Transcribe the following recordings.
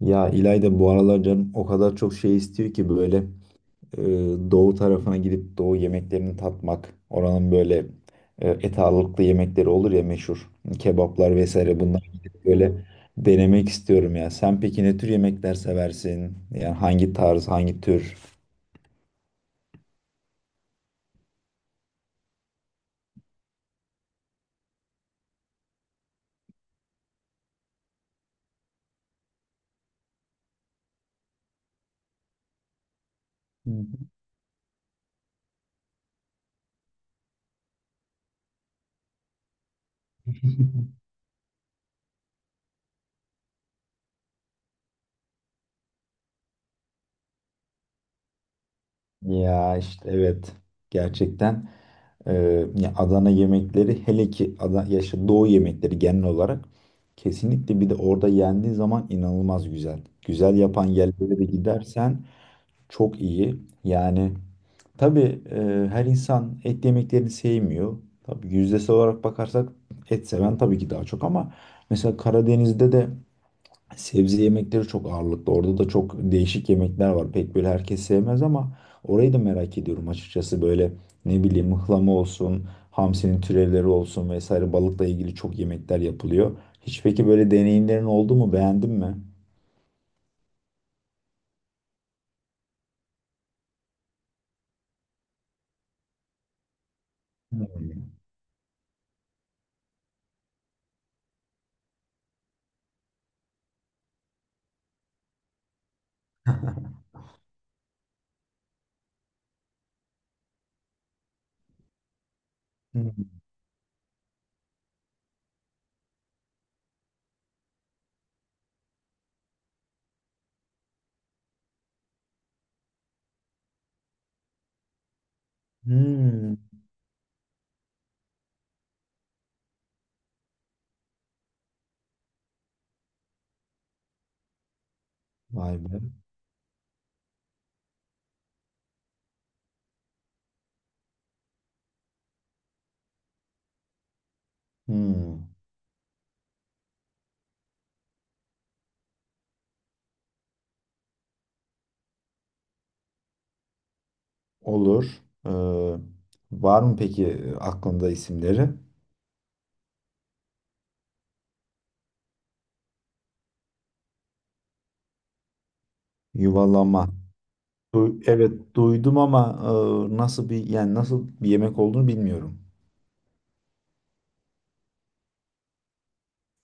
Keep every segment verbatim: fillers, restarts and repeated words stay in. Ya İlayda bu aralar canım o kadar çok şey istiyor ki böyle e, doğu tarafına gidip doğu yemeklerini tatmak. Oranın böyle e, et ağırlıklı yemekleri olur ya meşhur kebaplar vesaire bunları gidip böyle denemek istiyorum ya. Sen peki ne tür yemekler seversin? Yani hangi tarz, hangi tür? Ya işte evet gerçekten. Ee, ya Adana yemekleri hele ki Adana, yaşa Doğu yemekleri genel olarak kesinlikle bir de orada yendiği zaman inanılmaz güzel. Güzel yapan yerlere de gidersen çok iyi. Yani tabii e, her insan et yemeklerini sevmiyor. Tabii yüzdesi olarak bakarsak et seven tabii ki daha çok ama mesela Karadeniz'de de sebze yemekleri çok ağırlıklı. Orada da çok değişik yemekler var. Pek böyle herkes sevmez ama orayı da merak ediyorum açıkçası. Böyle ne bileyim mıhlama olsun, hamsinin türevleri olsun vesaire balıkla ilgili çok yemekler yapılıyor. Hiç peki böyle deneyimlerin oldu mu? Beğendin mi? Hmm. Hmm. Hmm. Vay be. Hmm. Olur. Ee, var mı peki aklında isimleri? Yuvalama. Du- Evet duydum ama e, nasıl bir yani nasıl bir yemek olduğunu bilmiyorum.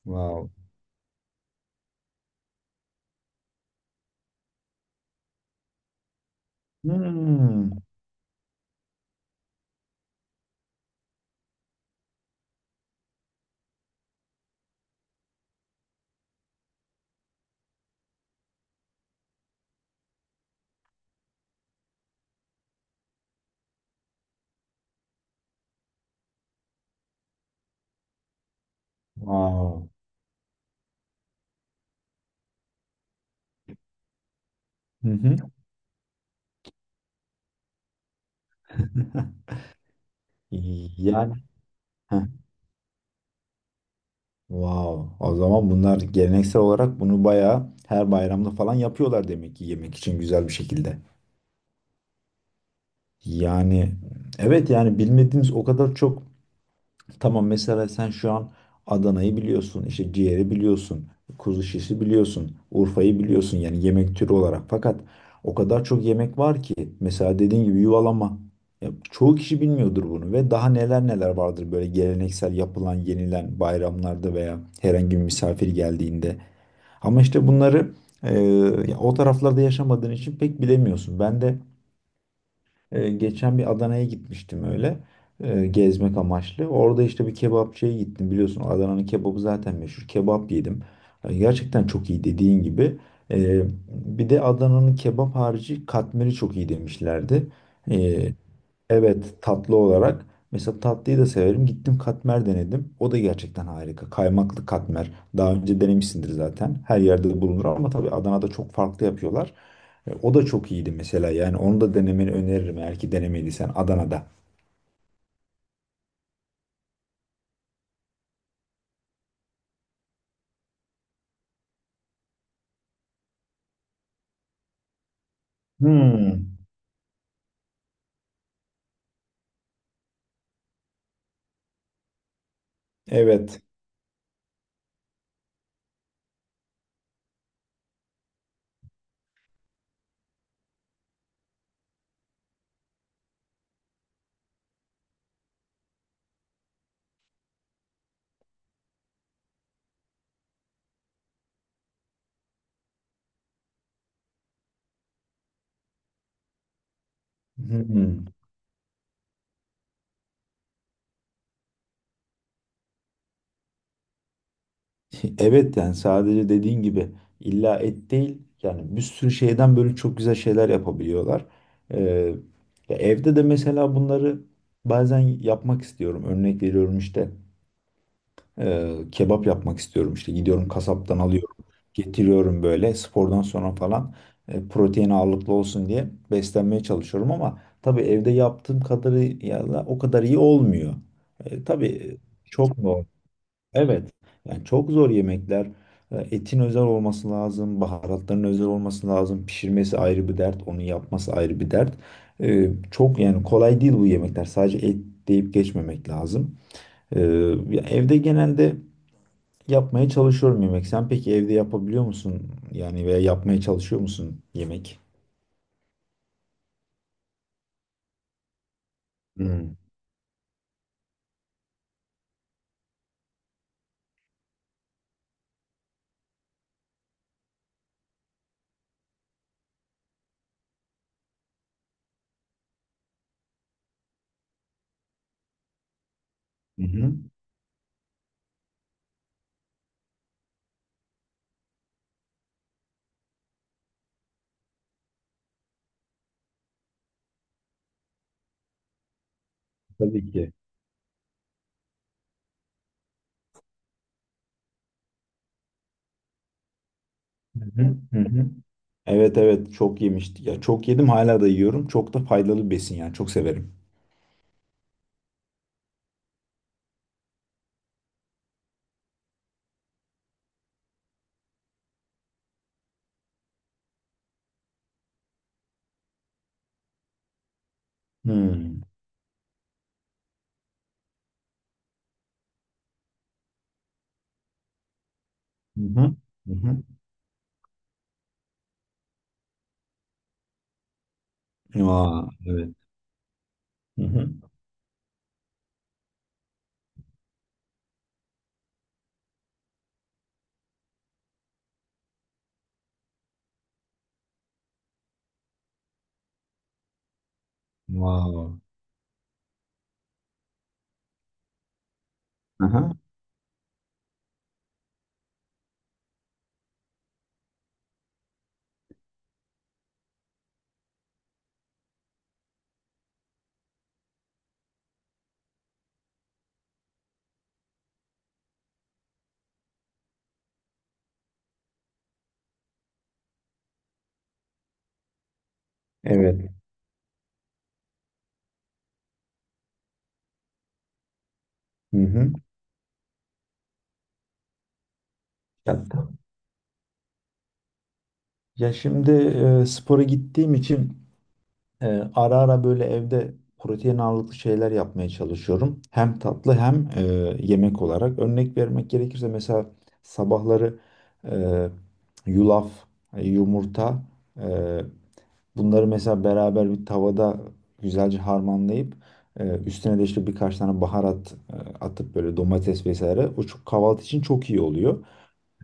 Wow. Hmm. Wow. Hı hı. Yani heh. Wow. O zaman bunlar geleneksel olarak bunu bayağı her bayramda falan yapıyorlar demek ki yemek için güzel bir şekilde. Yani evet, yani bilmediğimiz o kadar çok. Tamam, mesela sen şu an Adana'yı biliyorsun, işte ciğeri biliyorsun, kuzu şişi biliyorsun, Urfa'yı biliyorsun yani yemek türü olarak. Fakat o kadar çok yemek var ki mesela dediğin gibi yuvalama. Ya, çoğu kişi bilmiyordur bunu ve daha neler neler vardır böyle geleneksel yapılan, yenilen bayramlarda veya herhangi bir misafir geldiğinde. Ama işte bunları e, ya o taraflarda yaşamadığın için pek bilemiyorsun. Ben de e, geçen bir Adana'ya gitmiştim öyle. e, gezmek amaçlı. Orada işte bir kebapçıya gittim. Biliyorsun Adana'nın kebabı zaten meşhur. Kebap yedim. E, gerçekten çok iyi dediğin gibi. E, bir de Adana'nın kebap harici katmeri çok iyi demişlerdi. E, Evet tatlı olarak. Mesela tatlıyı da severim. Gittim katmer denedim. O da gerçekten harika. Kaymaklı katmer. Daha önce denemişsindir zaten. Her yerde de bulunur ama tabii Adana'da çok farklı yapıyorlar. E, O da çok iyiydi mesela. Yani onu da denemeni öneririm eğer ki denemediysen Adana'da. Hmm. Evet. Hmm. Evet yani sadece dediğin gibi illa et değil yani bir sürü şeyden böyle çok güzel şeyler yapabiliyorlar. Ee, ya evde de mesela bunları bazen yapmak istiyorum. Örnek veriyorum işte e, kebap yapmak istiyorum işte gidiyorum kasaptan alıyorum getiriyorum böyle spordan sonra falan e, protein ağırlıklı olsun diye beslenmeye çalışıyorum ama tabii evde yaptığım kadarıyla o kadar iyi olmuyor. E, tabii çok normal. Evet. Yani çok zor yemekler. E, Etin özel olması lazım, baharatların özel olması lazım. Pişirmesi ayrı bir dert, onu yapması ayrı bir dert. E, çok yani kolay değil bu yemekler. Sadece et deyip geçmemek lazım. E, ya evde genelde yapmaya çalışıyorum yemek. Sen peki evde yapabiliyor musun? Yani veya yapmaya çalışıyor musun yemek? Hmm. Hı hı. Tabii ki. Hı hı. Hı hı. Evet evet çok yemiştik. Ya çok yedim hala da yiyorum. Çok da faydalı bir besin yani çok severim. Hmm. Hı hı. Hı hı. Vay, evet. Hı hı. Wow. Aha, evet. Hı hı. Yaptım. Ya şimdi e, spora gittiğim için e, ara ara böyle evde protein ağırlıklı şeyler yapmaya çalışıyorum. Hem tatlı hem e, yemek olarak. Örnek vermek gerekirse mesela sabahları e, yulaf, e, yumurta, e, Bunları mesela beraber bir tavada güzelce harmanlayıp e, üstüne de işte birkaç tane baharat e, atıp böyle domates vesaire. O çok kahvaltı için çok iyi oluyor.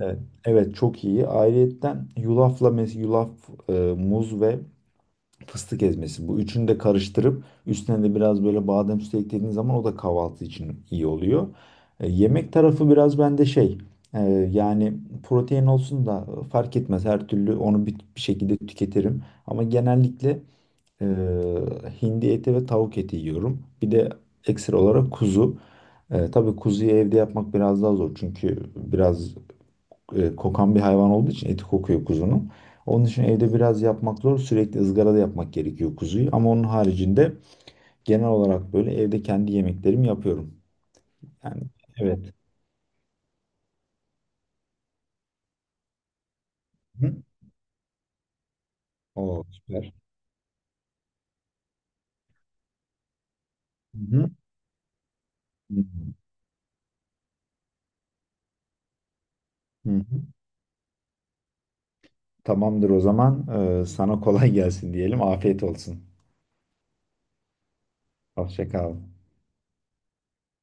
Evet, evet çok iyi. Ayrıyetten yulafla mes yulaf, e, muz ve fıstık ezmesi. Bu üçünü de karıştırıp üstüne de biraz böyle badem sütü eklediğiniz zaman o da kahvaltı için iyi oluyor. E, yemek tarafı biraz bende şey e, yani protein olsun da fark etmez. Her türlü onu bir, bir şekilde tüketirim. Ama genellikle ee, hindi eti ve tavuk eti yiyorum. Bir de ekstra olarak kuzu. Ee, tabii kuzuyu evde yapmak biraz daha zor çünkü biraz e, kokan bir hayvan olduğu için eti kokuyor kuzunun. Onun için evde biraz yapmak zor. Sürekli ızgarada yapmak gerekiyor kuzuyu. Ama onun haricinde genel olarak böyle evde kendi yemeklerimi yapıyorum. Yani evet. Hı. O süper. Hı hı. Hı hı. Hı hı. Tamamdır o zaman. Ee, sana kolay gelsin diyelim. Afiyet olsun. Hoşça kal.